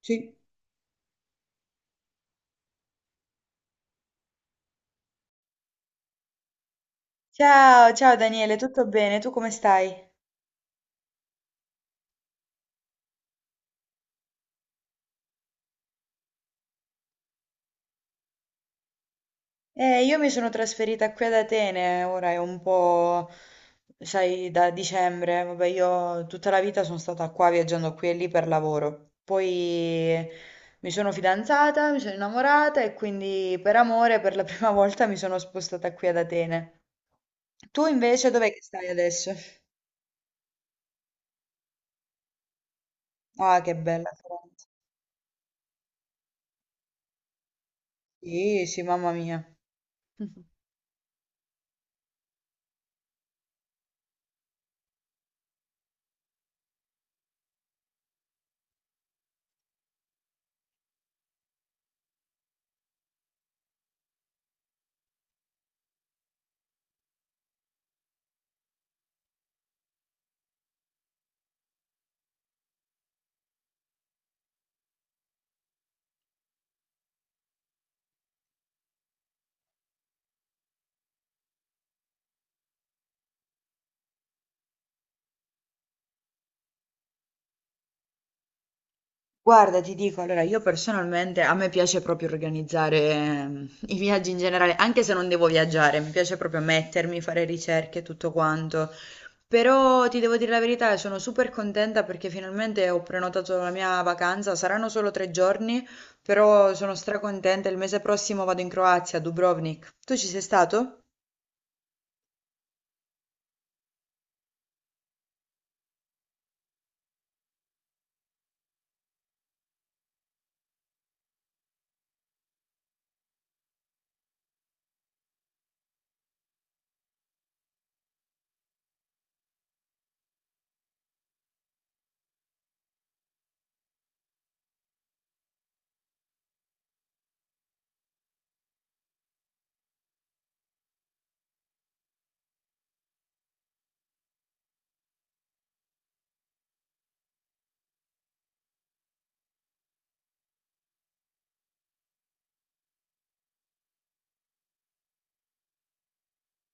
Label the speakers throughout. Speaker 1: Sì. Ciao, ciao Daniele, tutto bene? Tu come stai? Io mi sono trasferita qui ad Atene, ora è un po', sai, da dicembre. Vabbè, io tutta la vita sono stata qua viaggiando qui e lì per lavoro. Poi mi sono fidanzata, mi sono innamorata e quindi per amore per la prima volta mi sono spostata qui ad Atene. Tu invece dov'è che stai adesso? Ah, che bella Firenze. Sì, sì, mamma mia. Guarda, ti dico, allora io personalmente a me piace proprio organizzare i viaggi in generale, anche se non devo viaggiare, mi piace proprio mettermi, fare ricerche e tutto quanto. Però ti devo dire la verità, sono super contenta perché finalmente ho prenotato la mia vacanza, saranno solo 3 giorni, però sono stracontenta, il mese prossimo vado in Croazia, a Dubrovnik. Tu ci sei stato?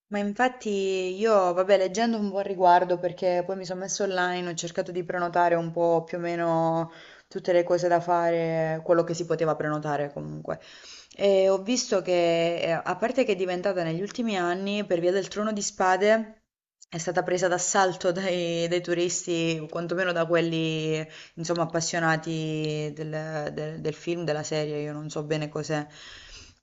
Speaker 1: Ma infatti io, vabbè, leggendo un po' al riguardo, perché poi mi sono messa online, ho cercato di prenotare un po' più o meno tutte le cose da fare, quello che si poteva prenotare comunque. E ho visto che, a parte che è diventata negli ultimi anni, per via del Trono di Spade, è stata presa d'assalto dai turisti, quantomeno da quelli insomma, appassionati del film, della serie, io non so bene cos'è.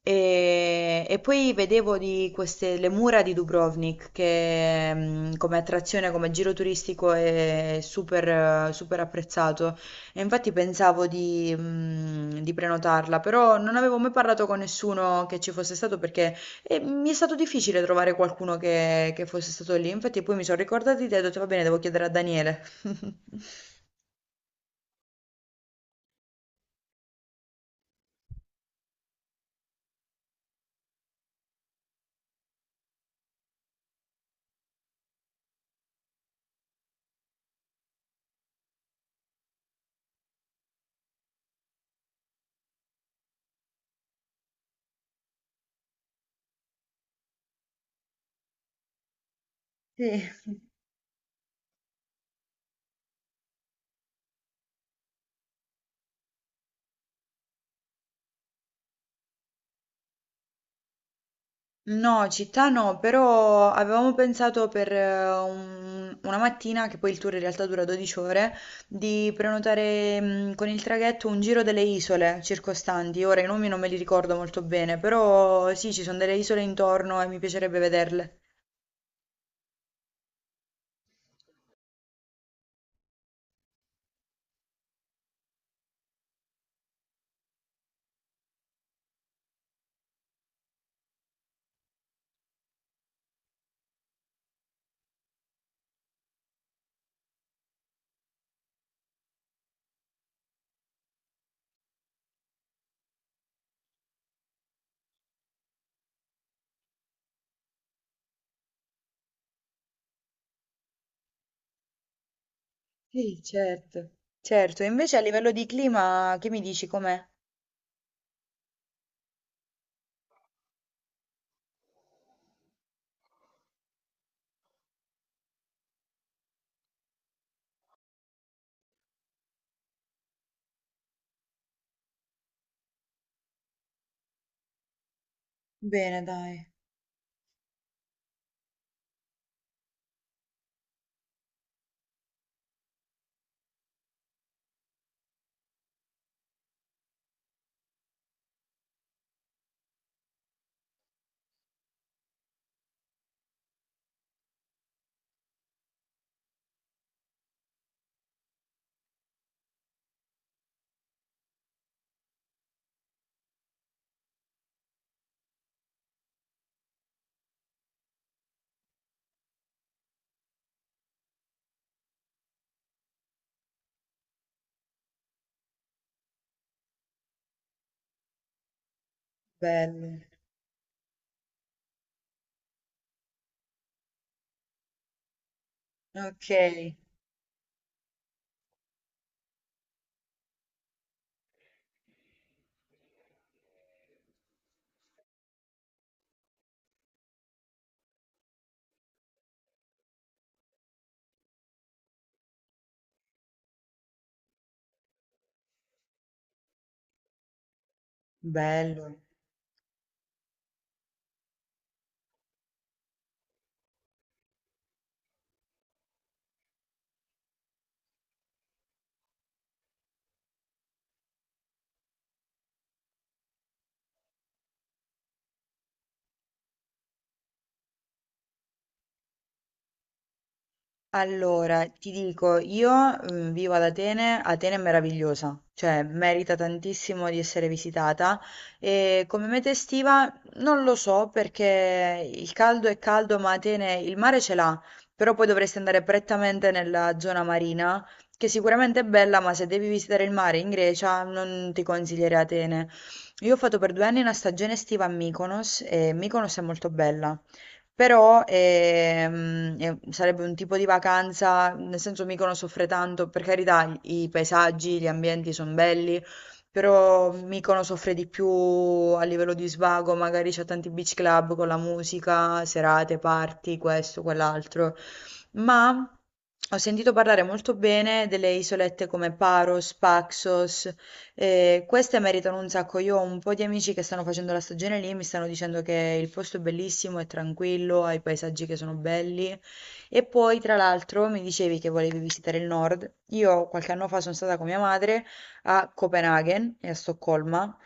Speaker 1: E poi vedevo di queste, le mura di Dubrovnik, che come attrazione, come giro turistico è super, super apprezzato. E infatti pensavo di prenotarla, però non avevo mai parlato con nessuno che ci fosse stato perché mi è stato difficile trovare qualcuno che fosse stato lì. Infatti poi mi sono ricordata di te e ho detto, va bene, devo chiedere a Daniele. Sì. No, città no, però avevamo pensato per un- una mattina, che poi il tour in realtà dura 12 ore, di prenotare con il traghetto un giro delle isole circostanti. Ora i nomi non me li ricordo molto bene, però sì, ci sono delle isole intorno e mi piacerebbe vederle. Sì, certo. Certo, e invece a livello di clima, che mi dici com'è? Bene, dai. Bello. Ok, bello. Allora, ti dico, io mm, vivo ad Atene, Atene è meravigliosa, cioè merita tantissimo di essere visitata e come meta estiva non lo so perché il caldo è caldo, ma Atene il mare ce l'ha, però poi dovresti andare prettamente nella zona marina, che sicuramente è bella, ma se devi visitare il mare in Grecia non ti consiglierei Atene. Io ho fatto per 2 anni una stagione estiva a Mykonos e Mykonos è molto bella. Però sarebbe un tipo di vacanza, nel senso mica non soffre tanto, per carità, i paesaggi, gli ambienti sono belli, però Mykonos soffre di più a livello di svago, magari c'è tanti beach club con la musica, serate, party, questo, quell'altro. Ma ho sentito parlare molto bene delle isolette come Paros, Paxos, e queste meritano un sacco. Io ho un po' di amici che stanno facendo la stagione lì e mi stanno dicendo che il posto è bellissimo, è tranquillo, ha i paesaggi che sono belli. E poi, tra l'altro, mi dicevi che volevi visitare il nord. Io qualche anno fa sono stata con mia madre a Copenaghen e a Stoccolma.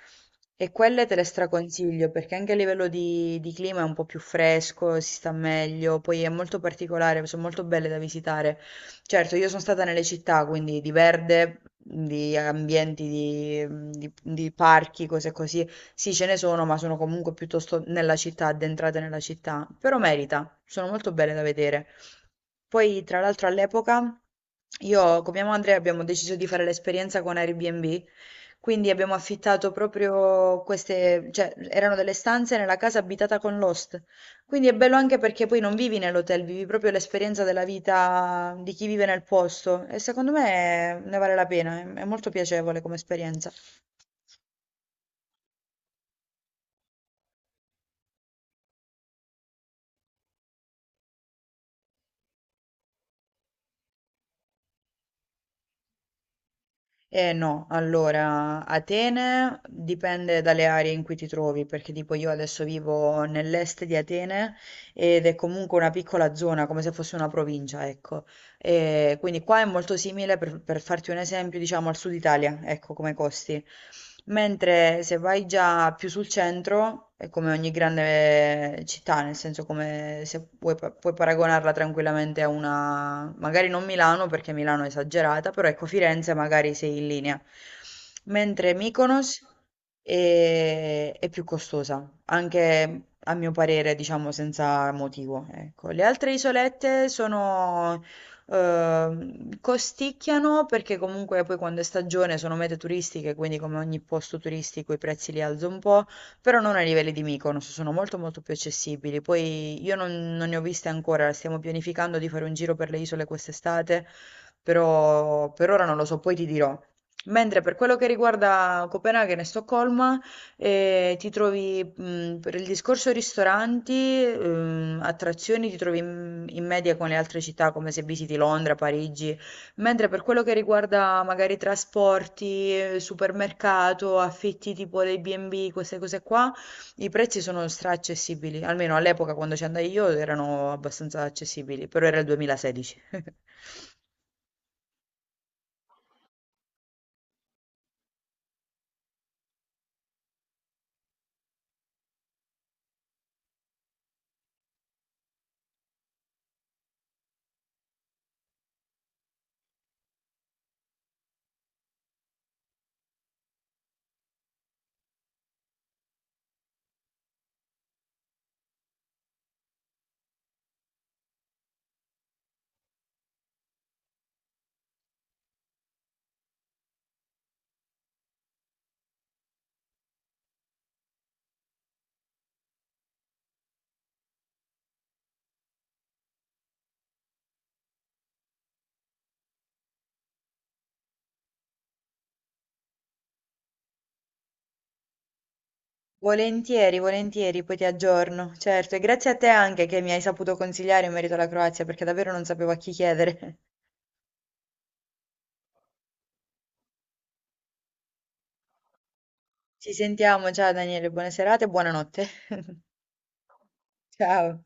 Speaker 1: E quelle te le straconsiglio perché anche a livello di clima è un po' più fresco, si sta meglio, poi è molto particolare, sono molto belle da visitare. Certo, io sono stata nelle città, quindi di verde, di ambienti, di parchi, cose così. Sì, ce ne sono, ma sono comunque piuttosto nella città, addentrate nella città. Però merita, sono molto belle da vedere. Poi, tra l'altro, all'epoca io con mia madre abbiamo deciso di fare l'esperienza con Airbnb, quindi abbiamo affittato proprio queste, cioè erano delle stanze nella casa abitata con l'host. Quindi è bello anche perché poi non vivi nell'hotel, vivi proprio l'esperienza della vita di chi vive nel posto e secondo me ne vale la pena, è molto piacevole come esperienza. Eh no, allora, Atene dipende dalle aree in cui ti trovi, perché tipo io adesso vivo nell'est di Atene ed è comunque una piccola zona, come se fosse una provincia, ecco. E quindi qua è molto simile, per farti un esempio, diciamo al sud Italia, ecco come costi. Mentre se vai già più sul centro, è come ogni grande città, nel senso come se puoi, puoi paragonarla tranquillamente a una, magari non Milano perché Milano è esagerata, però ecco Firenze magari sei in linea. Mentre Mykonos è più costosa, anche a mio parere, diciamo senza motivo, ecco. Le altre isolette sono costicchiano perché comunque poi quando è stagione sono mete turistiche, quindi come ogni posto turistico i prezzi li alzo un po', però non ai livelli di Mykonos, sono molto molto più accessibili. Poi io non ne ho viste ancora, stiamo pianificando di fare un giro per le isole quest'estate, però per ora non lo so, poi ti dirò. Mentre per quello che riguarda Copenaghen e Stoccolma, e ti trovi, per il discorso ristoranti, attrazioni, ti trovi in media con le altre città, come se visiti Londra, Parigi, mentre per quello che riguarda magari trasporti, supermercato, affitti tipo dei B&B, queste cose qua, i prezzi sono straaccessibili, almeno all'epoca quando ci andai io erano abbastanza accessibili, però era il 2016. Volentieri, volentieri, poi ti aggiorno. Certo, e grazie a te anche che mi hai saputo consigliare in merito alla Croazia, perché davvero non sapevo a chi chiedere. Ci sentiamo, ciao Daniele, buona serata e buonanotte. Ciao.